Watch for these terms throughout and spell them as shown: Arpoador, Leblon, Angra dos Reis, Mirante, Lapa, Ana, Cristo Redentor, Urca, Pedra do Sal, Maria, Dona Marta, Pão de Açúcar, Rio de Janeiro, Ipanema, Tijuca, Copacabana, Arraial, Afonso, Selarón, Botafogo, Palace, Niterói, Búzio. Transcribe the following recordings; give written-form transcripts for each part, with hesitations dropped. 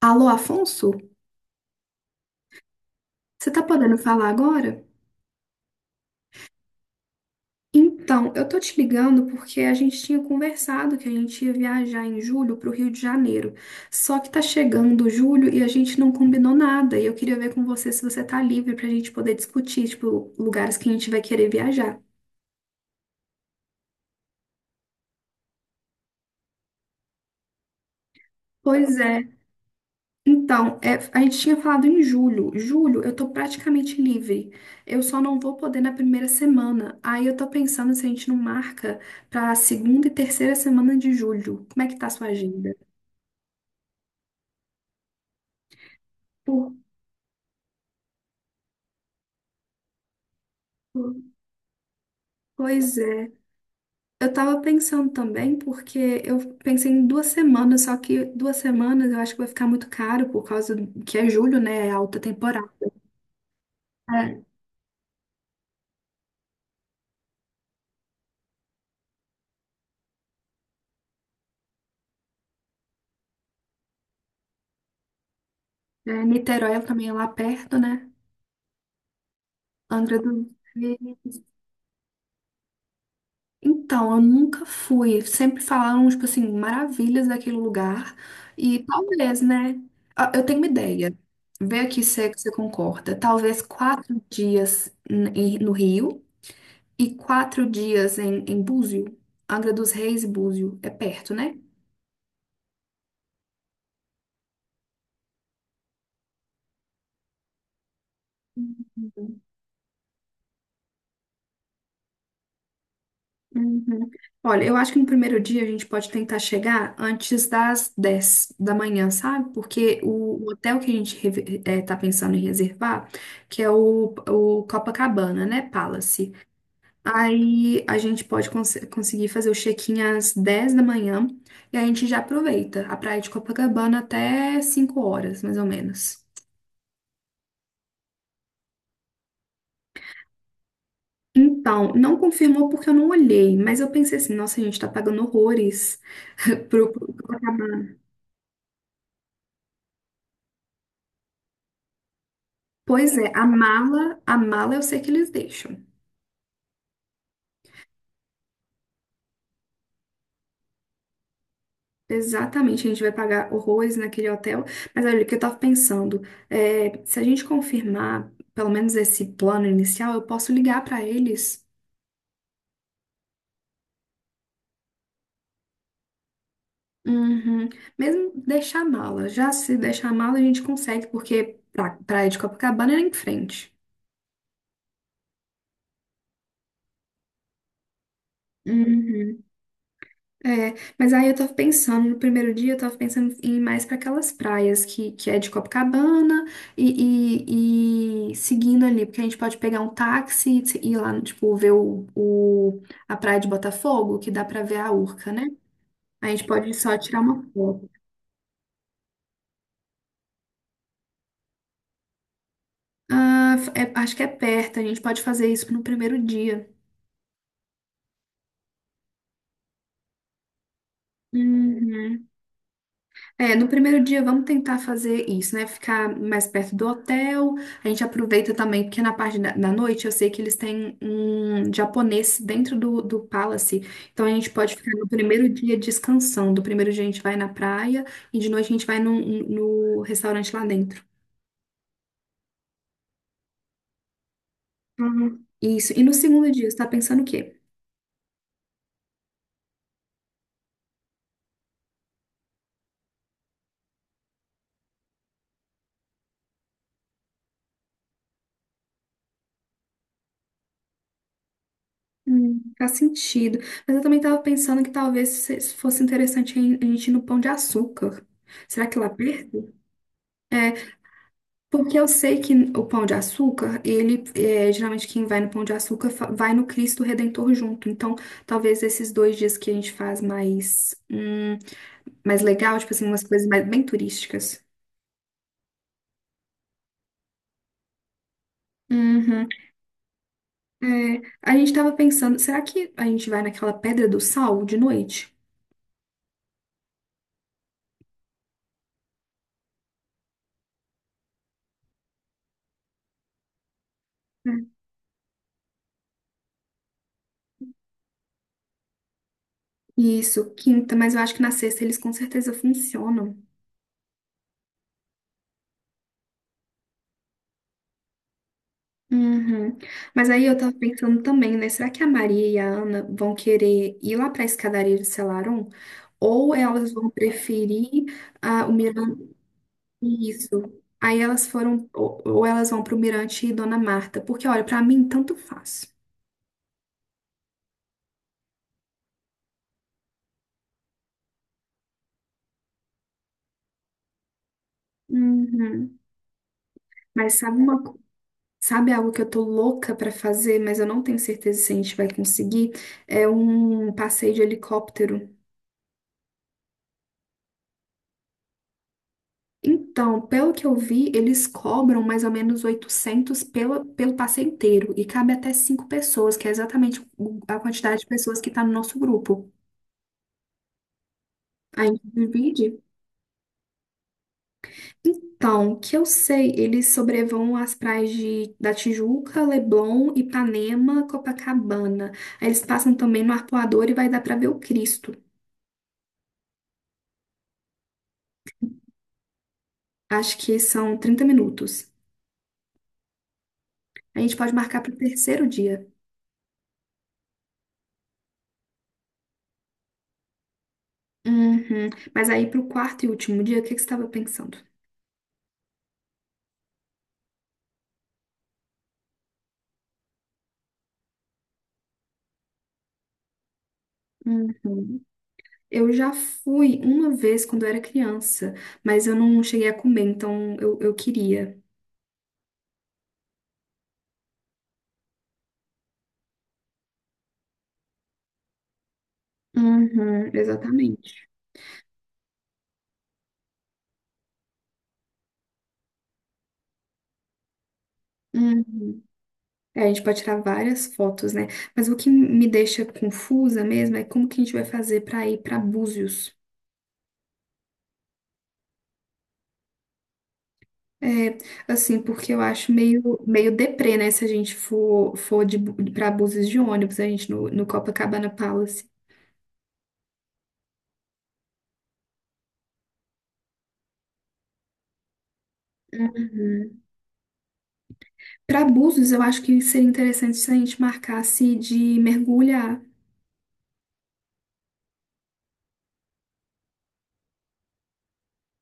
Alô, Afonso? Você tá podendo falar agora? Então, eu tô te ligando porque a gente tinha conversado que a gente ia viajar em julho pro Rio de Janeiro. Só que tá chegando julho e a gente não combinou nada. E eu queria ver com você se você tá livre pra gente poder discutir, tipo, lugares que a gente vai querer viajar. Pois é. Então, a gente tinha falado em julho. Julho, eu tô praticamente livre. Eu só não vou poder na primeira semana. Aí eu tô pensando se a gente não marca pra segunda e terceira semana de julho. Como é que tá a sua agenda? Por- por- Pois é. Eu tava pensando também, porque eu pensei em duas semanas, só que duas semanas eu acho que vai ficar muito caro por causa que é julho, né? É alta temporada. É, Niterói também é lá perto, né? Angra dos Reis. Então, eu nunca fui. Sempre falaram, tipo assim, maravilhas daquele lugar. E talvez, né? Ah, eu tenho uma ideia. Vê aqui se é que você concorda. Talvez quatro dias no Rio e quatro dias em Búzio. Angra dos Reis e Búzio. É perto, né? Uhum. Olha, eu acho que no primeiro dia a gente pode tentar chegar antes das 10 da manhã, sabe? Porque o hotel que a gente tá pensando em reservar, que é o Copacabana, né? Palace. Aí a gente pode conseguir fazer o check-in às 10 da manhã e a gente já aproveita a praia de Copacabana até 5 horas, mais ou menos. Então, não confirmou porque eu não olhei, mas eu pensei assim, nossa, a gente tá pagando horrores pro, pro, pois é, a mala eu sei que eles deixam. Exatamente, a gente vai pagar horrores naquele hotel. Mas olha, o que eu tava pensando, é, se a gente confirmar pelo menos esse plano inicial, eu posso ligar pra eles. Uhum. Mesmo deixar a mala. Já se deixar a mala, a gente consegue, porque pra Praia de Copacabana é em frente. Uhum. É, mas aí eu tava pensando, no primeiro dia eu tava pensando em ir mais pra aquelas praias que, é de Copacabana e seguindo ali, porque a gente pode pegar um táxi e ir lá, tipo, ver o, a praia de Botafogo, que dá pra ver a Urca, né? A gente pode só tirar uma foto. Ah, é- acho que é perto, a gente pode fazer isso no primeiro dia. Uhum. É, no primeiro dia vamos tentar fazer isso, né? Ficar mais perto do hotel. A gente aproveita também, porque na parte da noite eu sei que eles têm um japonês dentro do Palace. Então a gente pode ficar no primeiro dia descansando. O primeiro dia a gente vai na praia e de noite a gente vai no no, restaurante lá dentro. Uhum. Isso. E no segundo dia, você tá pensando o quê? Faz sentido. Mas eu também tava pensando que talvez se fosse interessante a gente ir no Pão de Açúcar. Será que lá perto? É, porque eu sei que o Pão de Açúcar, ele é, geralmente quem vai no Pão de Açúcar vai no Cristo Redentor junto. Então, talvez esses dois dias que a gente faz mais, mais legal, tipo assim, umas coisas mais, bem turísticas. Uhum. É, a gente tava pensando, será que a gente vai naquela Pedra do Sal de noite? É. Isso, quinta, mas eu acho que na sexta eles com certeza funcionam. Uhum. Mas aí eu tava pensando também, né? Será que a Maria e a Ana vão querer ir lá pra escadaria de Selarón? Ou elas vão preferir ah, o Mirante? Isso. Aí elas foram, ou elas vão pro Mirante e Dona Marta. Porque, olha, pra mim, tanto faz. Uhum. Mas sabe sabe algo que eu tô louca pra fazer, mas eu não tenho certeza se a gente vai conseguir? É um passeio de helicóptero. Então, pelo que eu vi, eles cobram mais ou menos 800 pela, pelo passeio inteiro e cabe até cinco pessoas, que é exatamente a quantidade de pessoas que está no nosso grupo. A gente divide. Então, o que eu sei, eles sobrevoam as praias da Tijuca, Leblon, Ipanema, Copacabana. Aí eles passam também no Arpoador e vai dar para ver o Cristo. Acho que são 30 minutos. A gente pode marcar para o terceiro dia. Uhum. Mas aí para o quarto e último dia, o que que você estava pensando? Uhum. Eu já fui uma vez quando eu era criança, mas eu não cheguei a comer, então eu queria. Uhum, exatamente. Uhum. É, a gente pode tirar várias fotos, né? Mas o que me deixa confusa mesmo é como que a gente vai fazer pra ir pra Búzios. É, assim, porque eu acho meio, meio deprê, né? Se a gente for pra Búzios de ônibus, a gente no Copacabana Palace. Uhum. Para búzios, eu acho que seria interessante se a gente marcasse de mergulhar.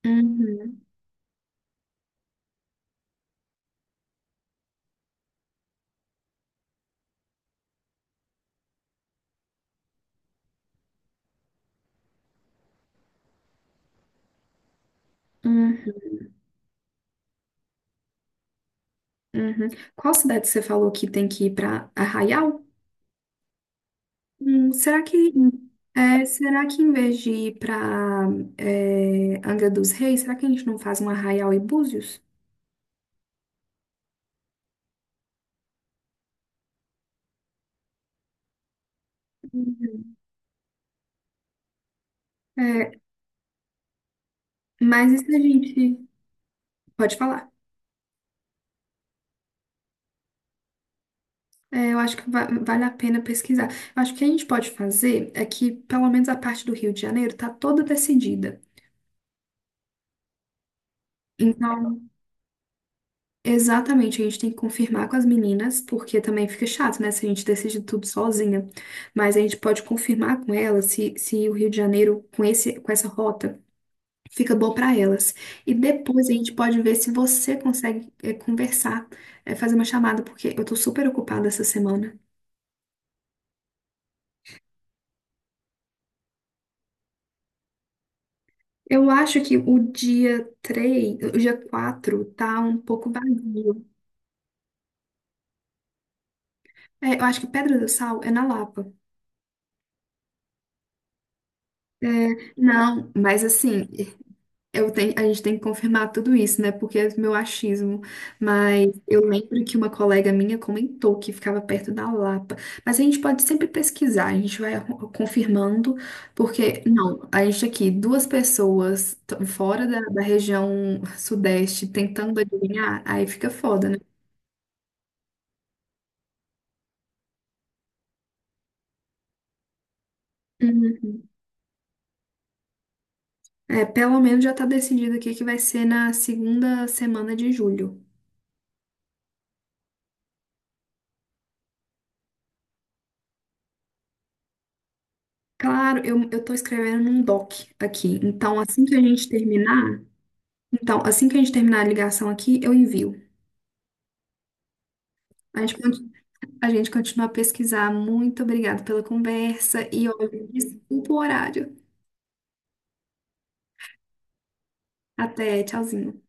Uhum, uhum, uhum. Qual cidade você falou que tem que ir para Arraial? Hum, será que será que em vez de ir para Angra dos Reis, será que a gente não faz um Arraial e Búzios? Uhum. É, mas isso a gente pode falar. É, eu acho que vale a pena pesquisar. Eu acho que o que a gente pode fazer é que, pelo menos, a parte do Rio de Janeiro está toda decidida. Então, exatamente, a gente tem que confirmar com as meninas, porque também fica chato, né, se a gente decide tudo sozinha. Mas a gente pode confirmar com elas se, se o Rio de Janeiro, com esse, com essa rota, fica bom para elas. E depois a gente pode ver se você consegue, conversar, fazer uma chamada, porque eu tô super ocupada essa semana. Eu acho que o dia 3, o dia 4 tá um pouco vazio. É, eu acho que Pedra do Sal é na Lapa. É, não, mas assim, eu tenho, a gente tem que confirmar tudo isso, né? Porque é meu achismo. Mas eu lembro que uma colega minha comentou que ficava perto da Lapa. Mas a gente pode sempre pesquisar, a gente vai confirmando, porque, não, a gente aqui, duas pessoas fora da região sudeste tentando adivinhar, aí fica foda, né? Uhum. É, pelo menos já tá decidido aqui que vai ser na segunda semana de julho. Claro, eu tô escrevendo num doc aqui. Então, assim que a gente terminar. Então, assim que a gente terminar a ligação aqui, eu envio. A gente, a gente continua a pesquisar. Muito obrigada pela conversa e olha, desculpa o horário. Até, tchauzinho.